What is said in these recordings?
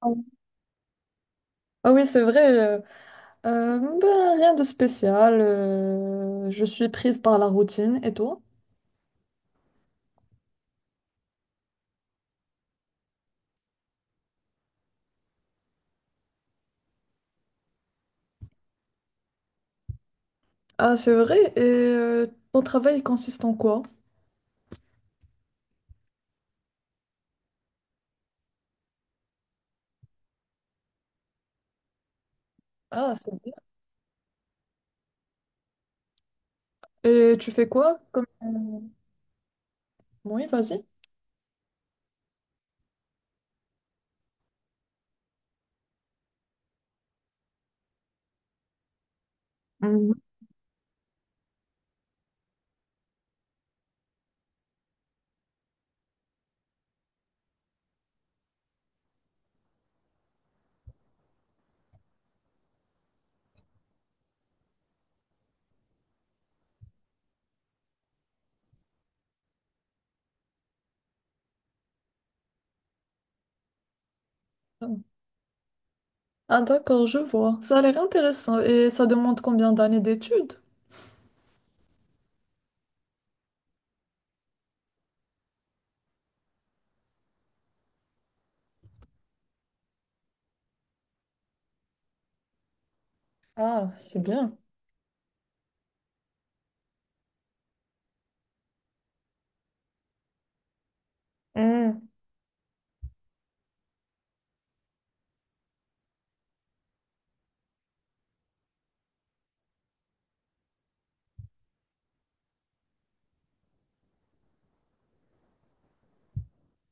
Ah oui, c'est vrai. Ben, rien de spécial. Je suis prise par la routine. Et toi? Ah, c'est vrai. Et ton travail il consiste en quoi? Ah, c'est bien. Et tu fais quoi? Oui, vas-y. Mhm. Ah, d'accord, je vois. Ça a l'air intéressant. Et ça demande combien d'années d'études? Ah, c'est bien. Hmm.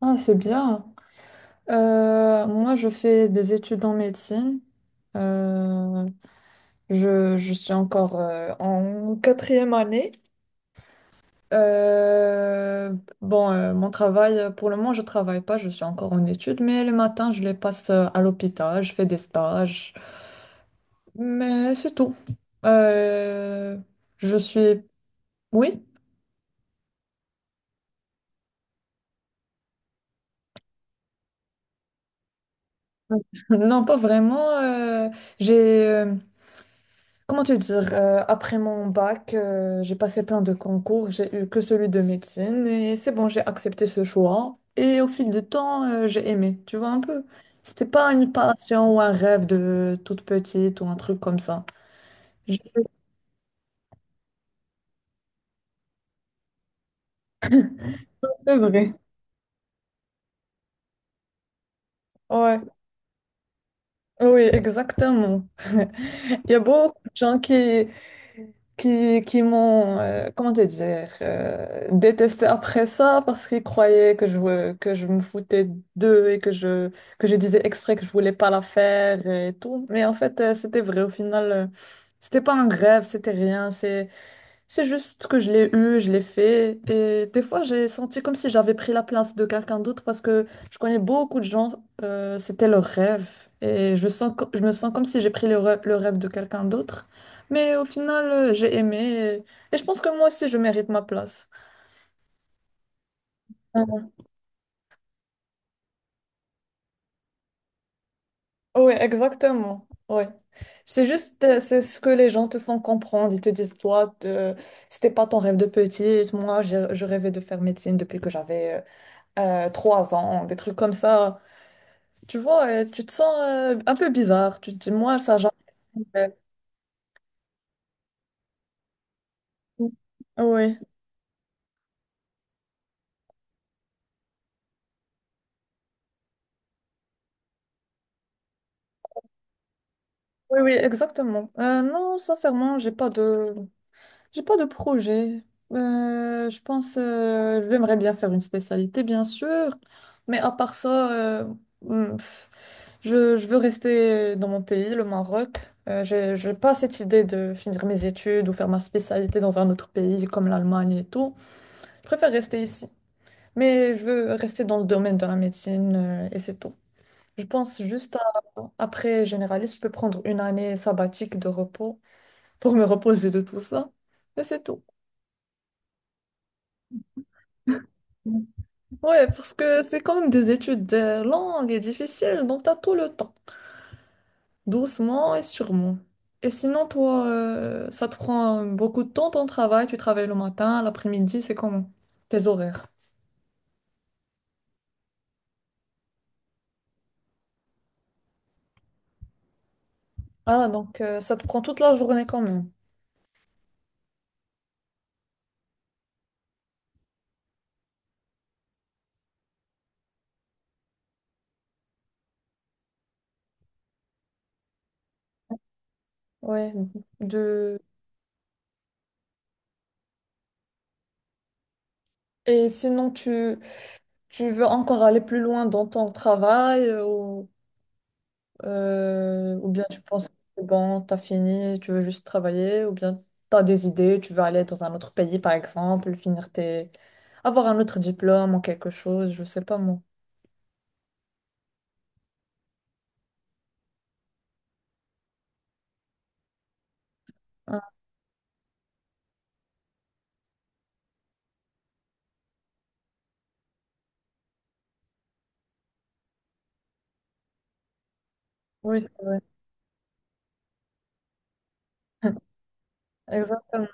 Ah, c'est bien. Moi, je fais des études en médecine. Euh, je suis encore en quatrième année. Euh, bon, mon travail, pour le moment, je travaille pas, je suis encore en études, mais le matin, je les passe à l'hôpital, je fais des stages, mais c'est tout. Euh, je suis... Oui? Non, pas vraiment. J'ai, euh, Comment te dire, après mon bac, j'ai passé plein de concours, j'ai eu que celui de médecine et c'est bon, j'ai accepté ce choix. Et au fil du temps, j'ai aimé, tu vois un peu. C'était pas une passion ou un rêve de toute petite ou un truc comme ça. J'ai fait vrai. Ouais, oui, exactement. Il y a beaucoup de gens qui, qui m'ont, comment te dire, détesté après ça parce qu'ils croyaient que je me foutais d'eux et que je disais exprès que je voulais pas la faire et tout. Mais en fait, c'était vrai. Au final, c'était pas un rêve, c'était rien. C'est juste que je l'ai eu, je l'ai fait. Et des fois, j'ai senti comme si j'avais pris la place de quelqu'un d'autre parce que je connais beaucoup de gens, c'était leur rêve. Et je me sens comme si j'ai pris le rêve de quelqu'un d'autre. Mais au final, j'ai aimé. Et je pense que moi aussi, je mérite ma place. Oui, exactement. Ouais. C'est juste, c'est ce que les gens te font comprendre. Ils te disent, toi, c'était pas ton rêve de petite. Moi, je rêvais de faire médecine depuis que j'avais trois ans, des trucs comme ça. Tu vois, tu te sens un peu bizarre. Tu te dis, moi, ça, jamais. Fait. Oui, oui, oui, exactement. Non, sincèrement, j'ai pas de projet. Je pense, j'aimerais bien faire une spécialité, bien sûr, mais à part ça, hmm, pff, je veux rester dans mon pays, le Maroc. J'ai pas cette idée de finir mes études ou faire ma spécialité dans un autre pays comme l'Allemagne et tout. Je préfère rester ici. Mais je veux rester dans le domaine de la médecine et c'est tout. Je pense juste à, après généraliste, je peux prendre une année sabbatique de repos pour me reposer de tout ça. Mais c'est tout. Ouais, parce que c'est quand même des études longues et difficiles, donc t'as tout le temps, doucement et sûrement. Et sinon, toi, ça te prend beaucoup de temps ton travail, tu travailles le matin, l'après-midi, c'est comment? Tes horaires. Ah, donc ça te prend toute la journée quand même. Ouais. De... Et sinon, tu veux encore aller plus loin dans ton travail ou bien tu penses que c'est bon, t'as fini, tu veux juste travailler ou bien t'as des idées, tu veux aller dans un autre pays par exemple, finir tes... avoir un autre diplôme ou quelque chose, je sais pas moi. Ah, oui, c'est vrai. Exactement.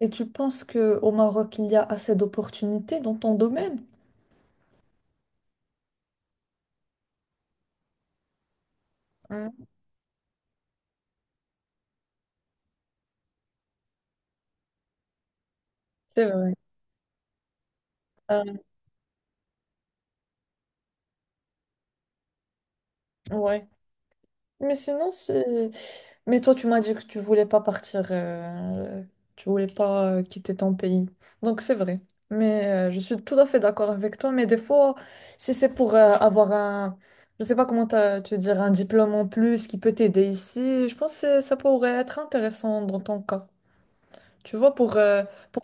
Et tu penses que au Maroc, il y a assez d'opportunités dans ton domaine? Hmm, C'est vrai. Euh, ouais. Mais sinon, si, Mais toi, tu m'as dit que tu voulais pas partir, tu voulais pas quitter ton pays. Donc c'est vrai. Mais je suis tout à fait d'accord avec toi. Mais des fois, si c'est pour avoir un, je sais pas comment te dire, un diplôme en plus qui peut t'aider ici, je pense que ça pourrait être intéressant dans ton cas. Tu vois, pour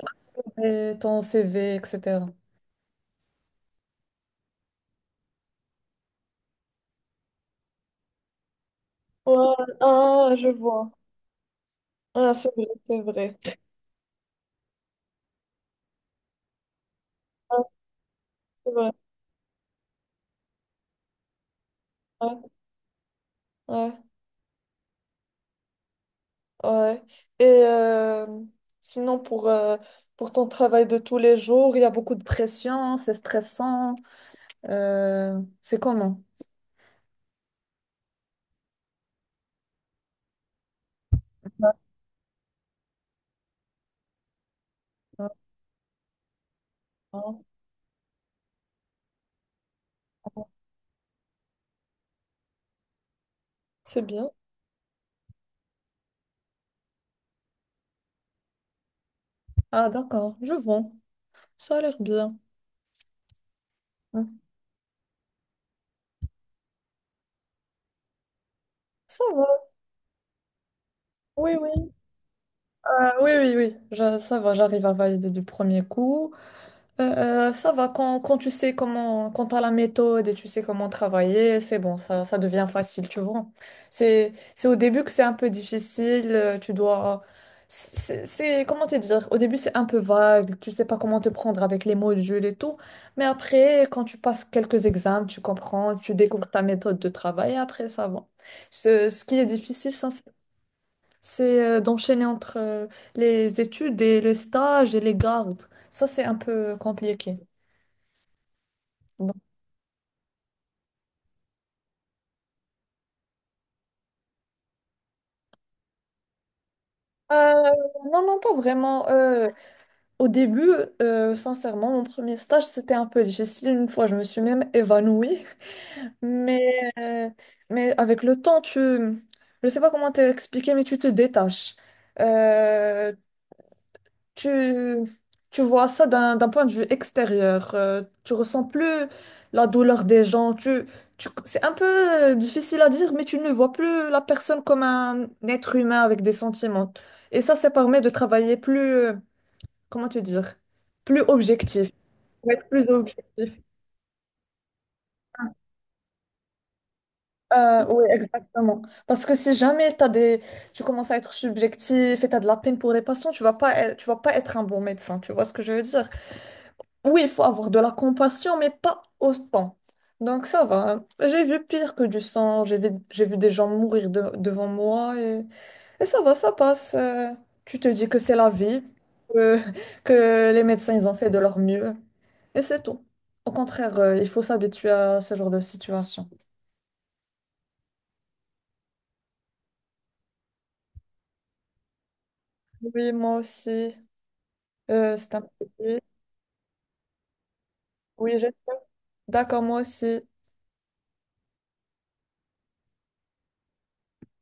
améliorer ton CV, etc. Ouais, ah, je vois. Ah, c'est vrai, c'est vrai. Ah, c'est vrai. Ouais, ouais. Ouais. Et sinon, pour ton travail de tous les jours, il y a beaucoup de pression, c'est stressant. C'est comment? Ouais. C'est bien. Ah, d'accord, je vois. Ça a l'air bien. Ça va. Oui, oui. Ah, oui, oui, oui. Ça va, j'arrive à valider du premier coup. Ça va quand tu sais comment, quand t'as la méthode et tu sais comment travailler, c'est bon, ça devient facile, tu vois. C'est au début que c'est un peu difficile, tu dois, c'est- comment te dire, au début c'est un peu vague, tu sais pas comment te prendre avec les modules et tout, mais après, quand tu passes quelques examens, tu comprends, tu découvres ta méthode de travail et après ça va. Ce qui est difficile, ça, c'est d'enchaîner entre les études et le stage et les gardes. Ça, c'est un peu compliqué. Non. Euh, non, non, pas vraiment. Au début, sincèrement, mon premier stage, c'était un peu difficile. Une fois, je me suis même évanouie. Mais, euh, mais avec le temps, tu... Je sais pas comment t'expliquer, mais tu te détaches. Euh, tu, tu vois ça d'un point de vue extérieur. Tu ressens plus la douleur des gens. C'est un peu difficile à dire, mais tu ne vois plus la personne comme un être humain avec des sentiments. Et ça permet de travailler plus, comment te dire, plus objectif. Pour être plus objectif. Oui, exactement. Parce que si jamais t'as des... tu commences à être subjectif et tu as de la peine pour les patients, tu vas pas être un bon médecin. Tu vois ce que je veux dire? Oui, il faut avoir de la compassion, mais pas autant. Donc ça va, hein. J'ai vu pire que du sang, j'ai vu des gens mourir devant moi et ça va, ça passe. Tu te dis que c'est la vie, que, que les médecins, ils ont fait de leur mieux et c'est tout. Au contraire, il faut s'habituer à ce genre de situation. Oui, moi aussi. C'est un peu... Oui, j'espère. D'accord, moi aussi.